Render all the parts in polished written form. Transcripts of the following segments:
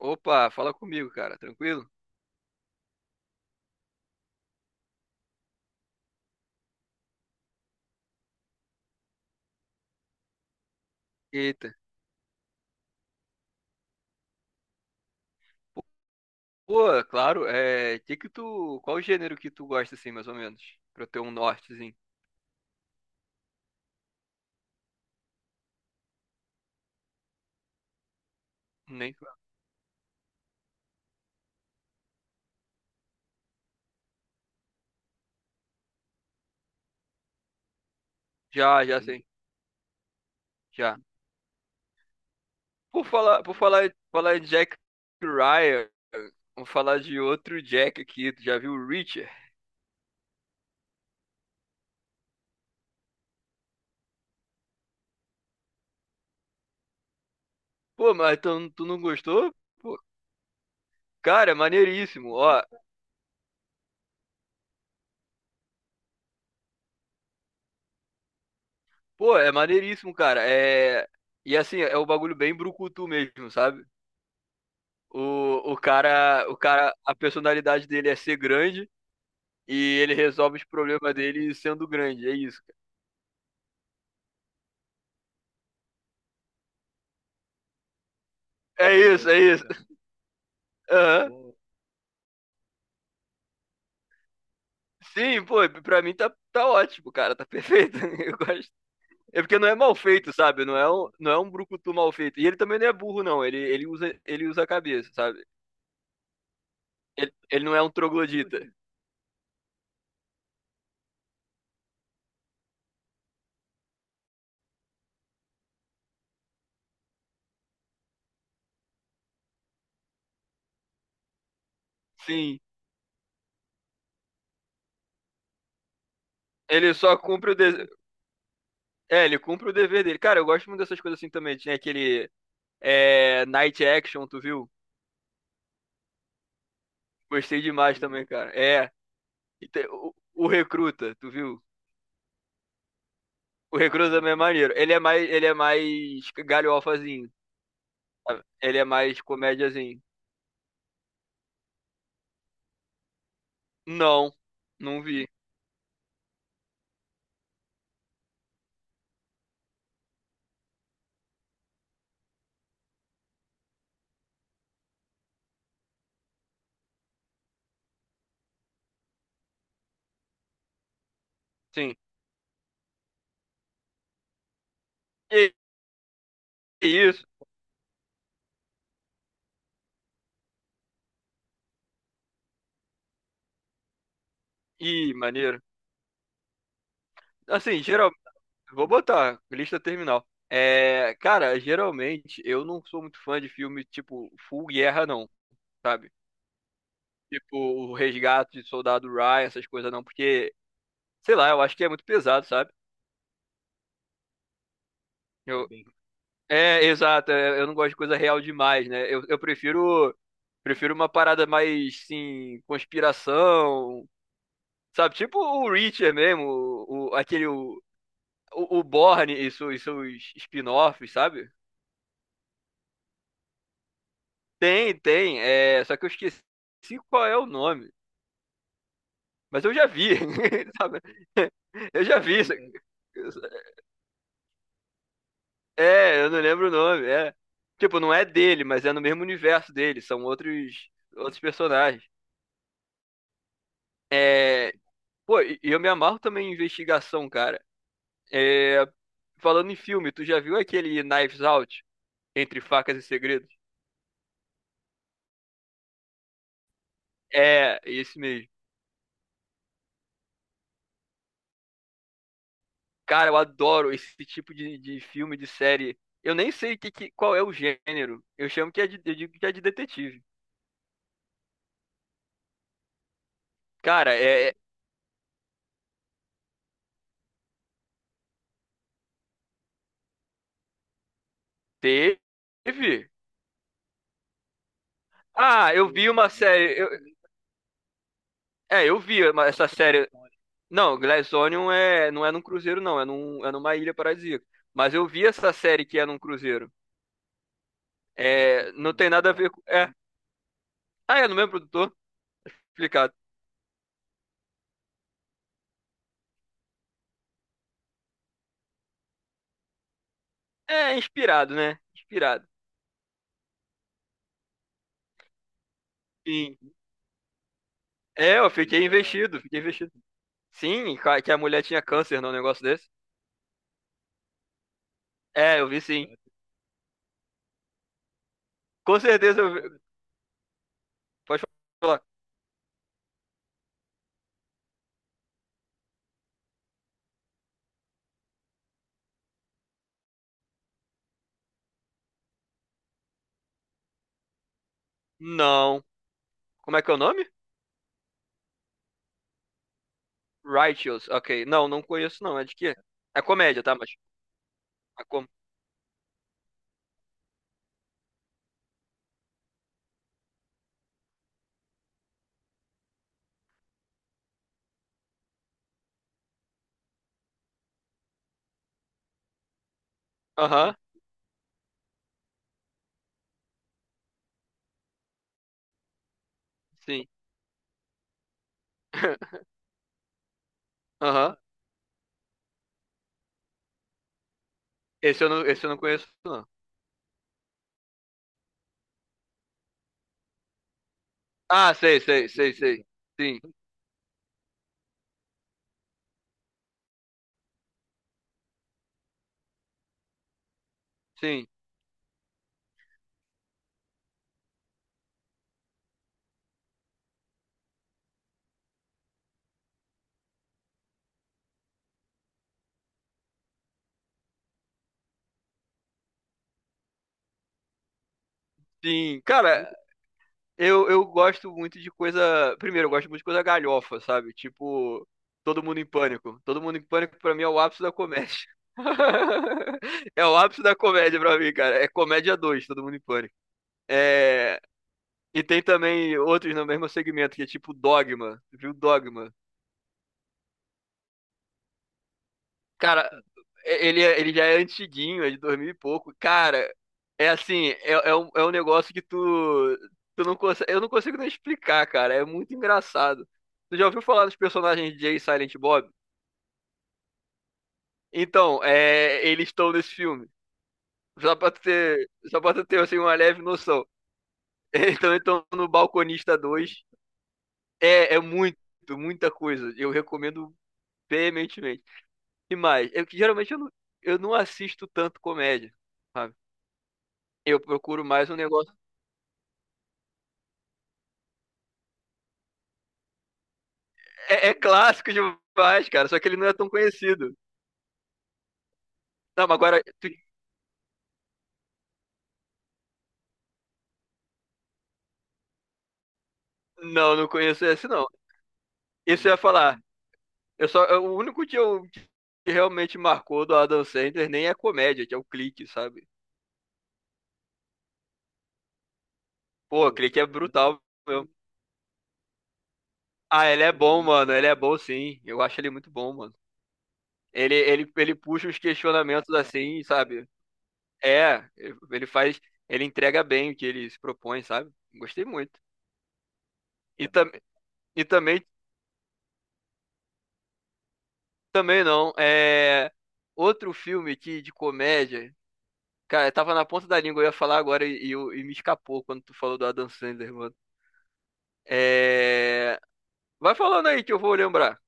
Opa, fala comigo, cara, tranquilo? Eita. Pô, claro, é. Que tu. Qual o gênero que tu gosta, assim, mais ou menos? Pra eu ter um nortezinho. Nem. Já sei. Já. Por falar de Jack Ryan, vamos falar de outro Jack aqui. Tu já viu o Richard? Pô, mas tu não gostou? Pô, cara, é maneiríssimo, ó. Pô, é maneiríssimo, cara. É. E assim, é um bagulho bem brucutu mesmo, sabe? O cara, a personalidade dele é ser grande. E ele resolve os problemas dele sendo grande, é isso, cara. É isso, é isso. Aham. Sim, pô, pra mim tá ótimo, cara, tá perfeito. Eu gosto. É porque não é mal feito, sabe? Não é um brucutu mal feito. E ele também não é burro, não. Ele usa a cabeça, sabe? Ele não é um troglodita. Sim. Ele só cumpre o dever. É, ele cumpre o dever dele. Cara, eu gosto muito dessas coisas assim também. Tinha aquele Night Action, tu viu? Gostei demais também, cara. É. E tem o Recruta, tu viu? O Recruta também é maneiro. Ele é mais galhofazinho. Ele é mais comédiazinho. Não, não vi. Sim. E, e isso. Ih, maneiro. Assim, geral, vou botar lista terminal. É, cara, geralmente eu não sou muito fã de filme tipo full guerra não, sabe? Tipo o Resgate de Soldado Ryan, essas coisas não, porque sei lá, eu acho que é muito pesado, sabe? Eu, É, exato. Eu não gosto de coisa real demais, né? Eu prefiro uma parada mais, sim, conspiração, sabe? Tipo o Reacher mesmo, aquele o Bourne e, seus spin-offs, sabe? Tem, tem. É, só que eu esqueci qual é o nome. Mas eu já vi, sabe? Eu já vi. Isso. É, eu não lembro o nome. É. Tipo, não é dele, mas é no mesmo universo dele. São outros personagens. É, pô, e eu me amarro também em investigação, cara. É, falando em filme, tu já viu aquele Knives Out? Entre facas e segredos? É, esse mesmo. Cara, eu adoro esse tipo de filme, de série. Eu nem sei qual é o gênero. Eu digo que é de detetive. Cara, teve. Ah, eu vi uma série. Essa série. Não, Glassonion não é num cruzeiro, não. É numa ilha paradisíaca. Mas eu vi essa série que é num cruzeiro. É, não tem nada a ver com. É. Ah, é no mesmo produtor? Explicado. É, inspirado, né? Inspirado. Sim. É, eu fiquei investido, fiquei investido. Sim, que a mulher tinha câncer num negócio desse. É, eu vi sim. Com certeza eu vi. Pode falar. Não. Como é que é o nome? Righteous. Ok. Não, não conheço não. É de quê? É comédia, tá? Mas. É com... Aham, sim. Aham. Esse eu não conheço, não. Ah, sei, sei, sei, sei. Sim, sim, sim. Cara, eu gosto muito de coisa. Primeiro, eu gosto muito de coisa galhofa, sabe? Tipo, Todo Mundo em Pânico. Todo Mundo em Pânico, pra mim, é o ápice da comédia. É o ápice da comédia pra mim, cara. É comédia 2 Todo Mundo em Pânico. É... E tem também outros no mesmo segmento, que é tipo Dogma. Viu Dogma? Cara, ele já é antiguinho, é de 2000 e pouco. Cara, é assim, é um negócio que tu, tu não consegue, eu não consigo nem explicar, cara. É muito engraçado. Tu já ouviu falar dos personagens Jay e Silent Bob? Então, eles estão nesse filme. Só pra tu ter assim, uma leve noção. Então no Balconista dois É, muita coisa. Eu recomendo veementemente. E mais, é que geralmente eu não assisto tanto comédia. Sabe? Eu procuro mais um negócio. É, é clássico demais, cara, só que ele não é tão conhecido. Não, mas agora. Não, não conheço esse, não. Isso eu ia falar. O único que realmente marcou do Adam Sandler nem é comédia, que é o Clique, sabe? Pô, Clique é brutal mesmo. Ah, ele é bom, mano. Ele é bom, sim. Eu acho ele muito bom, mano. Ele puxa os questionamentos assim, sabe? É, ele faz. Ele entrega bem o que ele se propõe, sabe? Gostei muito. E, tam, e também não. É outro filme que de comédia. Cara, tava na ponta da língua, eu ia falar agora e me escapou quando tu falou do Adam Sandler, mano. É... Vai falando aí que eu vou lembrar.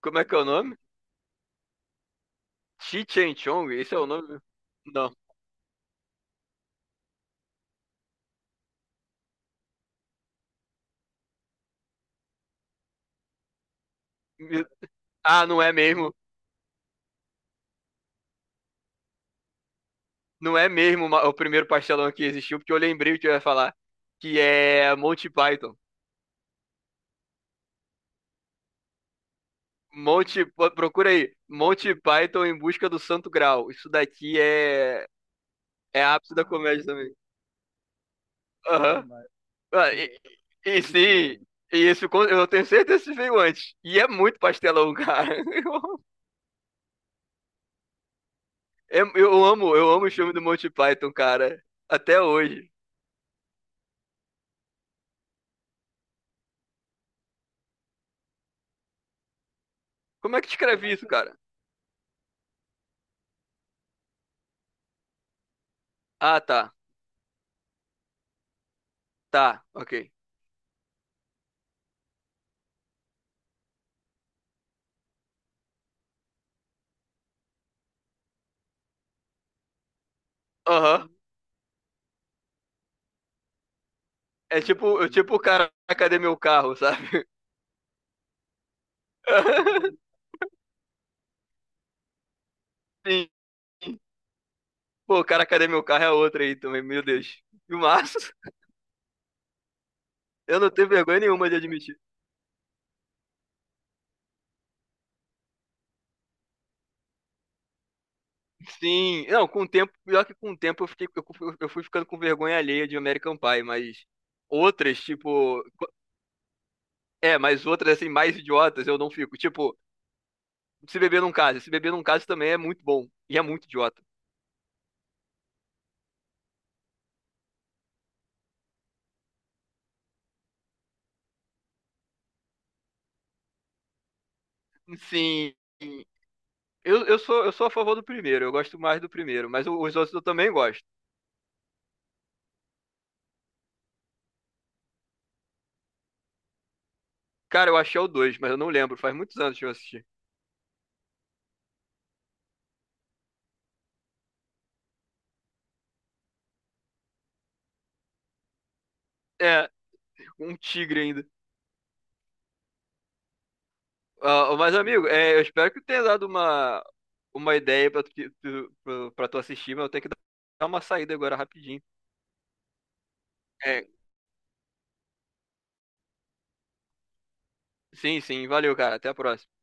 Como é que é o nome? Chi Chen Chong? Esse é o nome? Não. Me- Ah, não é mesmo. Não é mesmo o primeiro pastelão que existiu, porque eu lembrei o que eu ia falar. Que é Monty Python. Monty, pô, procura aí. Monty Python em busca do Santo Graal. Isso daqui é ápice da comédia também. Aham. Ah, E sim, eu tenho certeza que veio antes. E é muito pastelão, cara. Eu, amo- é- eu amo o filme do Monty Python, cara. Até hoje. Como é que escreve isso, cara? Ah, tá. Tá, ok. Aham. É tipo, eu, tipo, cara, cadê meu carro, sabe? Sim. Pô, cara, cadê meu carro é outra aí também, meu Deus. E O Filmaço. Eu não tenho vergonha nenhuma de admitir. Sim, não, com o tempo, pior que com o tempo eu fui ficando com vergonha alheia de American Pie, mas outras, tipo, mas outras assim, mais idiotas eu não fico. Tipo, se beber num caso também é muito bom e é muito idiota. Sim, eu sou a favor do primeiro, eu gosto mais do primeiro, mas os outros eu também gosto. Cara, eu achei o dois, mas eu não lembro, faz muitos anos que eu assisti. É, um tigre ainda. Ah, mas, amigo, eu espero que tenha dado uma, ideia pra tu, pra tu assistir, mas eu tenho que dar uma saída agora rapidinho. É, sim, sim, valeu, cara. Até a próxima.